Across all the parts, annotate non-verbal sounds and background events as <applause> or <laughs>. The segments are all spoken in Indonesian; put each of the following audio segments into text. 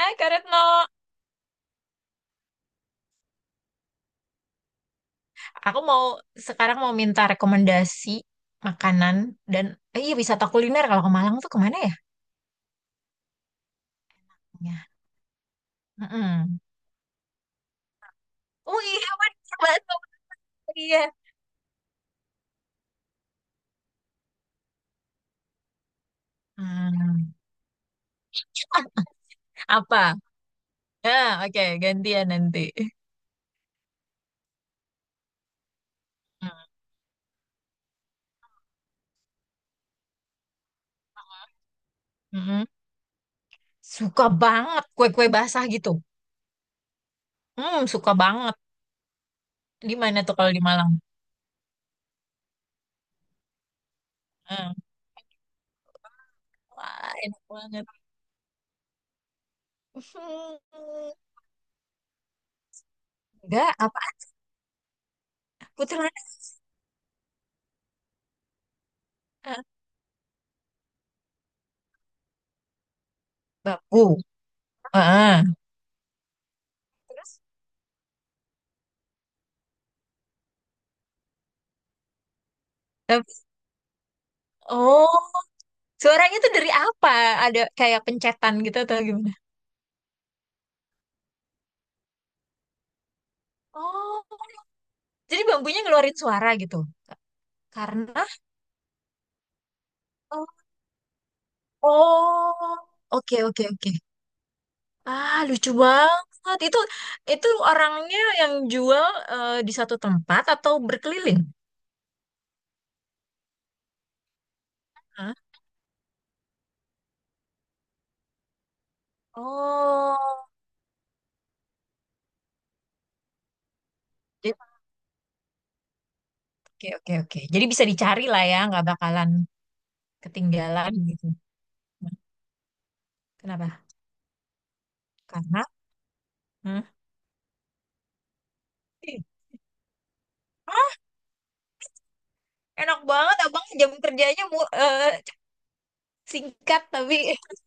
Kak Retno, aku mau sekarang minta rekomendasi makanan dan iya wisata kuliner kalau ke Malang tuh kemana ya? Ya, mm-mm. Oh iya, bener banget sama dia. Hmm. Apa? Ah, oke, gantian nanti. Hmm, mm-mm. Suka banget kue-kue basah gitu. Hmm, suka banget. Di mana tuh kalau di Malang? Hmm. Wah, enak banget. <laughs> Hmm. Enggak, apa? Putri Mana? Ah, Baku. Ah, ah. Terus? Tapi- oh. Suaranya tuh dari apa? Ada kayak pencetan gitu atau gimana? Oh, jadi bambunya ngeluarin suara gitu. Karena oh, oh, oke oke oke. Ah, lucu banget. Itu orangnya yang jual di satu tempat atau berkeliling? Hah? Oh, jadi- oke oke oke. Jadi bisa dicari lah ya, nggak bakalan ketinggalan gitu. Kenapa? Karena hmm. Ih, ah, enak banget abang jam kerjanya mu, singkat tapi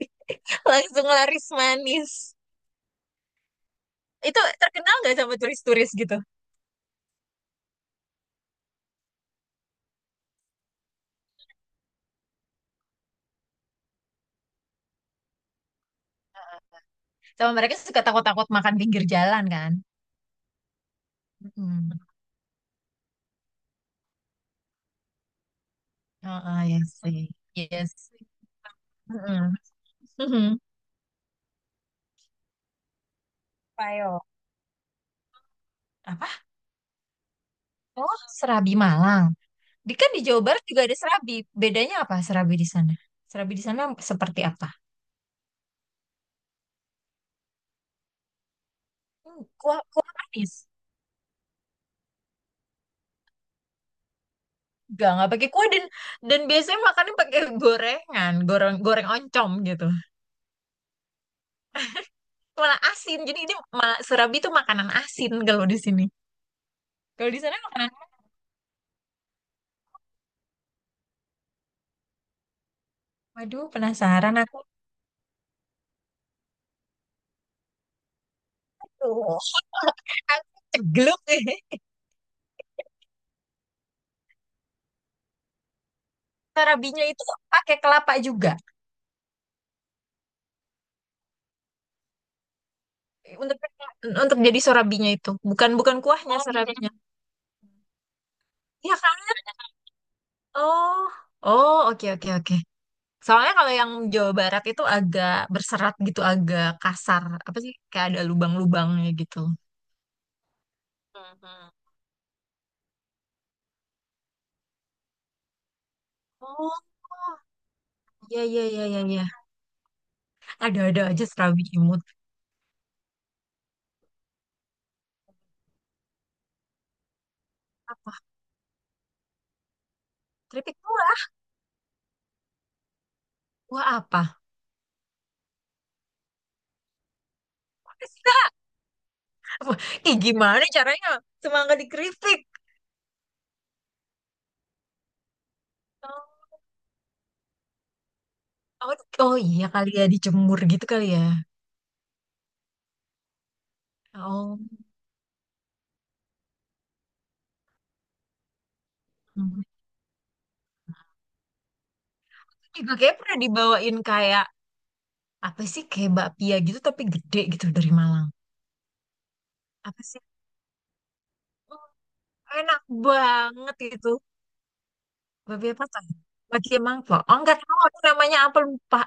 <laughs> langsung laris manis. Itu terkenal nggak sama turis-turis gitu? Sama mereka suka takut-takut makan pinggir jalan kan? Mm. Oh, oh, ya sih. Yes. Mm-mm. Mhm. Payo. Apa? Oh, Serabi Malang. Di kan di Jawa Barat juga ada serabi. Bedanya apa serabi di sana? Serabi di sana seperti apa? Hmm, kuah, kuah manis. Enggak, nggak pakai kuah dan biasanya makannya pakai gorengan, goreng goreng oncom gitu. Malah asin. Jadi ini malah surabi itu makanan asin kalau di sini. Kalau di sana makanan. Waduh, penasaran aku. Tuh, aku cegluk. <laughs> Surabinya itu pakai kelapa juga. Untuk untuk jadi surabinya itu, bukan bukan kuahnya. Oh, gitu. Surabinya. Iya kan? Oh, oh, oke oke oke. Soalnya kalau yang Jawa Barat itu agak berserat gitu, agak kasar. Apa sih? Kayak ada lubang-lubangnya gitu. Mhm. Oh, iya, iya, iya, iya, iya. Ada aja serabi imut. Apa? Keripik tua. Wah apa? <laughs> Ih, gimana caranya? Semangka dikritik. Oh, oh iya kali ya dijemur gitu kali ya. Oh. Hmm. Juga kayak pernah dibawain kayak apa sih kayak bakpia gitu tapi gede gitu dari Malang. Apa sih? Oh, enak banget itu. Bakpia apa tuh? Bakpia mangkok. Oh enggak tahu aku namanya apa lupa.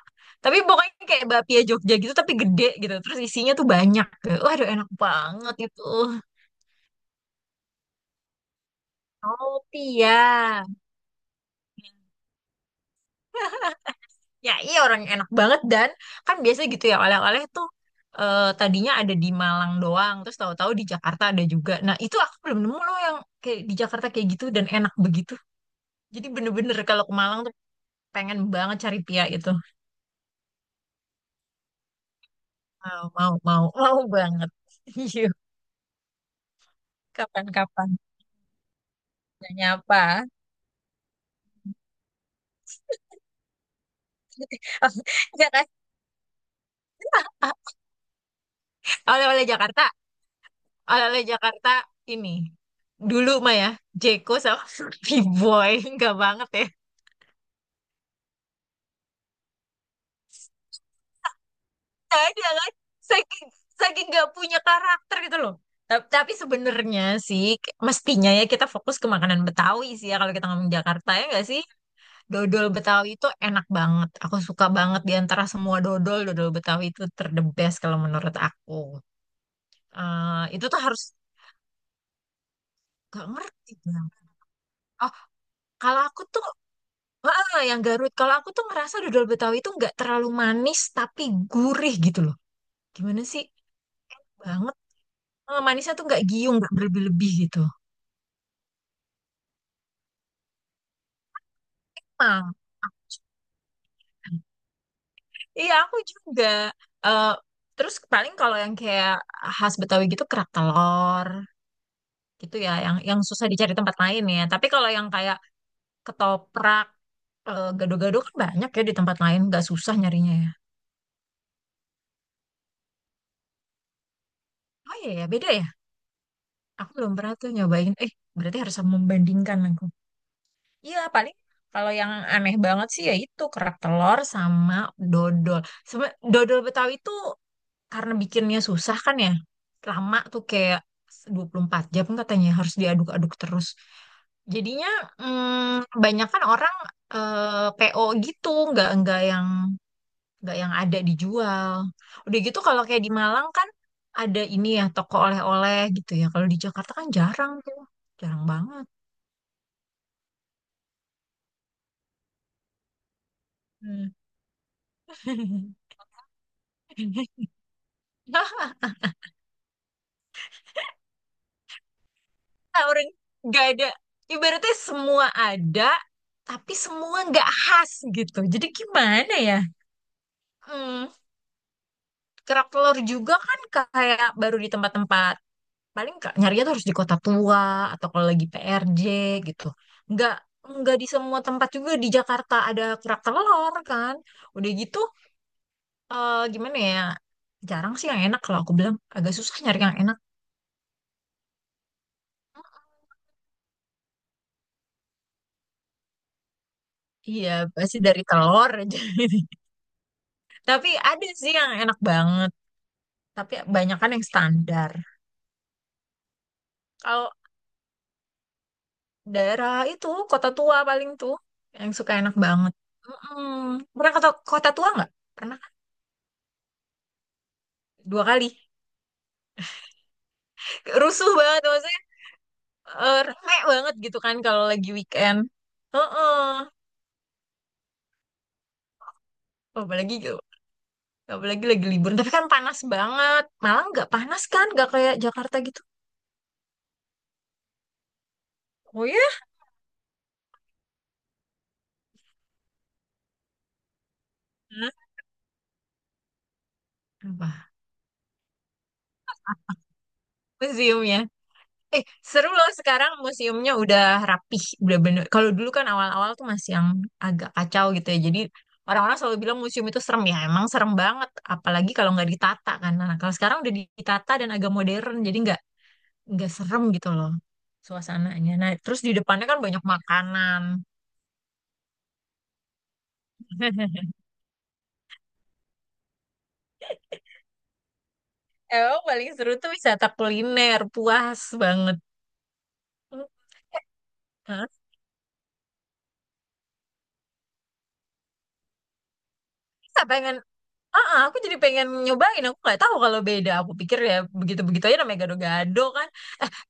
Tapi pokoknya kayak bakpia Jogja gitu tapi gede gitu. Terus isinya tuh banyak. Waduh enak banget itu. Oh, pia. Ya iya orang yang enak banget dan kan biasa gitu ya oleh-oleh tuh tadinya ada di Malang doang terus tahu-tahu di Jakarta ada juga. Nah itu aku belum nemu loh yang kayak di Jakarta kayak gitu dan enak begitu. Jadi bener-bener kalau ke Malang tuh pengen banget cari pia itu. Mau mau mau mau banget. <laughs> Yuk kapan-kapan nanya apa? <laughs> Jakarta oleh-oleh Jakarta oleh-oleh Jakarta ini dulu mah ya Jeko sama <laughs> Fruity Boy nggak banget ya. Nggak ada kan saking saking nggak punya karakter gitu loh. Ta- tapi sebenarnya sih k- mestinya ya kita fokus ke makanan Betawi sih ya kalau kita ngomong Jakarta ya nggak sih. Dodol Betawi itu enak banget, aku suka banget, di antara semua dodol dodol Betawi itu terdebes kalau menurut aku. Itu tuh harus nggak ngerti Bang. Oh kalau aku tuh ah, yang Garut kalau aku tuh ngerasa dodol Betawi itu nggak terlalu manis tapi gurih gitu loh, gimana sih, banget manisnya tuh nggak giung nggak berlebih-lebih gitu. Emang, iya aku juga. Eh, Terus paling kalau yang kayak khas Betawi gitu kerak telur gitu ya, yang susah dicari tempat lain ya. Tapi kalau yang kayak ketoprak, gado-gado kan banyak ya di tempat lain, nggak susah nyarinya ya. Oh iya ya, beda ya. Aku belum pernah tuh nyobain. Berarti harus membandingkan aku. Iya, paling kalau yang aneh banget sih ya itu kerak telur sama dodol. Sama dodol Betawi itu karena bikinnya susah kan ya. Lama tuh kayak 24 jam katanya harus diaduk-aduk terus. Jadinya banyak kan orang PO gitu, nggak yang ada dijual. Udah gitu kalau kayak di Malang kan ada ini ya toko oleh-oleh gitu ya. Kalau di Jakarta kan jarang tuh, jarang banget. Hmm. <laughs> Nah, orang nggak ada. Ibaratnya semua ada, tapi semua nggak khas gitu. Jadi gimana ya? Hmm, kerak telur juga kan kayak baru di tempat-tempat paling ka- nyarinya tuh harus di kota tua atau kalau lagi PRJ gitu. Nggak nggak di semua tempat juga di Jakarta ada kerak telur kan. Udah gitu gimana ya? Jarang sih yang enak kalau aku bilang agak susah nyari yang enak. Iya, pasti dari telur aja. <laughs> Tapi ada sih yang enak banget. Tapi banyak kan yang standar. Kalau daerah itu, kota tua paling tuh. Yang suka enak banget. Mm-mm. Pernah ke to- kota tua nggak? Pernah kan? Dua kali. <laughs> Rusuh banget maksudnya. Rame banget gitu kan kalau lagi weekend. Heeh. Apalagi gitu, apalagi lagi libur. Tapi kan panas banget. Malang nggak panas kan? Nggak kayak Jakarta gitu. Oh ya? Hah? Apa? Museumnya. Eh, Seru loh sekarang museumnya udah rapih, udah bener. Kalau dulu kan awal-awal tuh masih yang agak kacau gitu ya. Jadi orang-orang selalu bilang museum itu serem ya. Emang serem banget, apalagi kalau nggak ditata kan. Nah, kalau sekarang udah ditata dan agak modern, jadi nggak serem gitu loh suasananya. Nah, terus di depannya kan banyak makanan. <laughs> Emang paling seru tuh wisata kuliner, puas banget. Hmm. Eh, hah? Kita pengen ah, ah, aku jadi pengen nyobain. Aku nggak tahu kalau beda. Aku pikir ya begitu-begitu aja namanya gado-gado kan.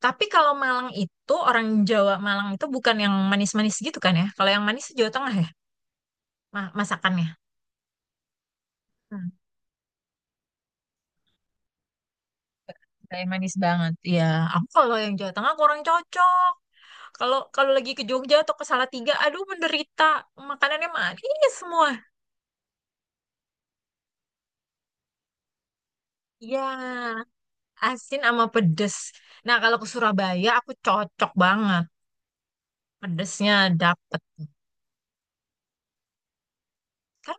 Tapi kalau Malang itu orang Jawa Malang itu bukan yang manis-manis gitu kan ya? Kalau yang manis Jawa Tengah ya ma- masakannya. Hmm, nggak yang manis banget. Ya, aku kalau yang Jawa Tengah kurang cocok. Kalau kalau lagi ke Jogja atau ke Salatiga, aduh menderita. Makanannya manis semua. Ya, asin sama pedes. Nah, kalau ke Surabaya aku cocok banget. Pedesnya dapet. Kan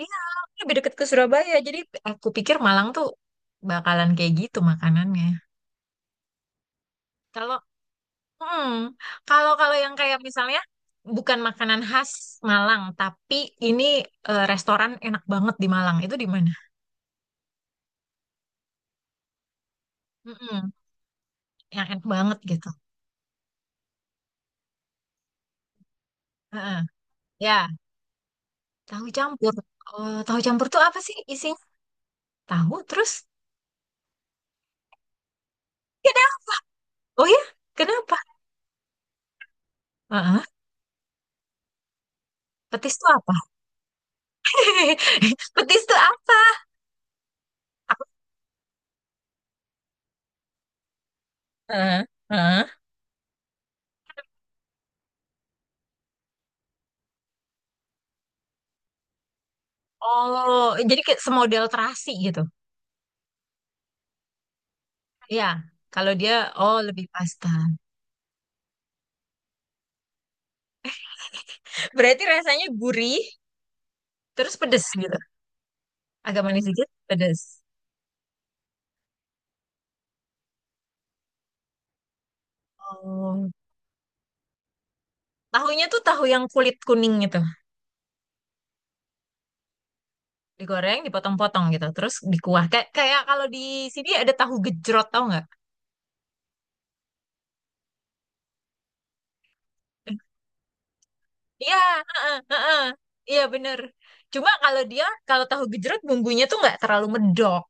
iya, ini lebih deket ke Surabaya. Jadi aku pikir Malang tuh bakalan kayak gitu makanannya. Kalau hmm, kalau kalau yang kayak misalnya bukan makanan khas Malang, tapi ini restoran enak banget di Malang. Itu di mana? Mm-mm, yang enak banget gitu. Heeh. Ya, tahu campur. Oh, tahu campur tuh apa sih isinya? Tahu terus kenapa? Oh ya, kenapa? Heeh. Petis tuh apa? <laughs> Petis tuh apa? Aku, heeh. Heeh. Oh, jadi kayak semodel terasi gitu. Iya, kalau dia oh lebih pasta. <laughs> Berarti rasanya gurih, terus pedes gitu. Agak manis sedikit, pedes. Oh. Tahunya tuh tahu yang kulit kuning gitu. Digoreng, dipotong-potong gitu. Terus dikuah. Kayak, kayak kalau di sini ada tahu gejrot, tau nggak? Iya, heeh, heeh. Iya bener. Cuma kalau dia, kalau tahu gejrot bumbunya tuh nggak terlalu medok,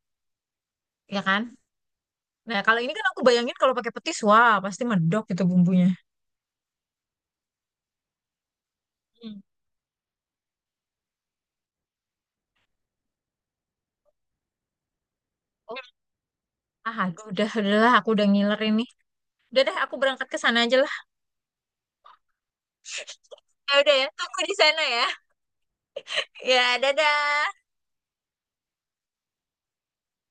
ya kan? Nah, kalau ini kan aku bayangin kalau pakai petis, wah pasti medok gitu bumbunya. Hmm. Ah, aduh, udah lah, aku udah ngiler ini. Udah deh, aku berangkat ke sana aja lah. Ya udah ya, aku di sana ya. Ya, dadah.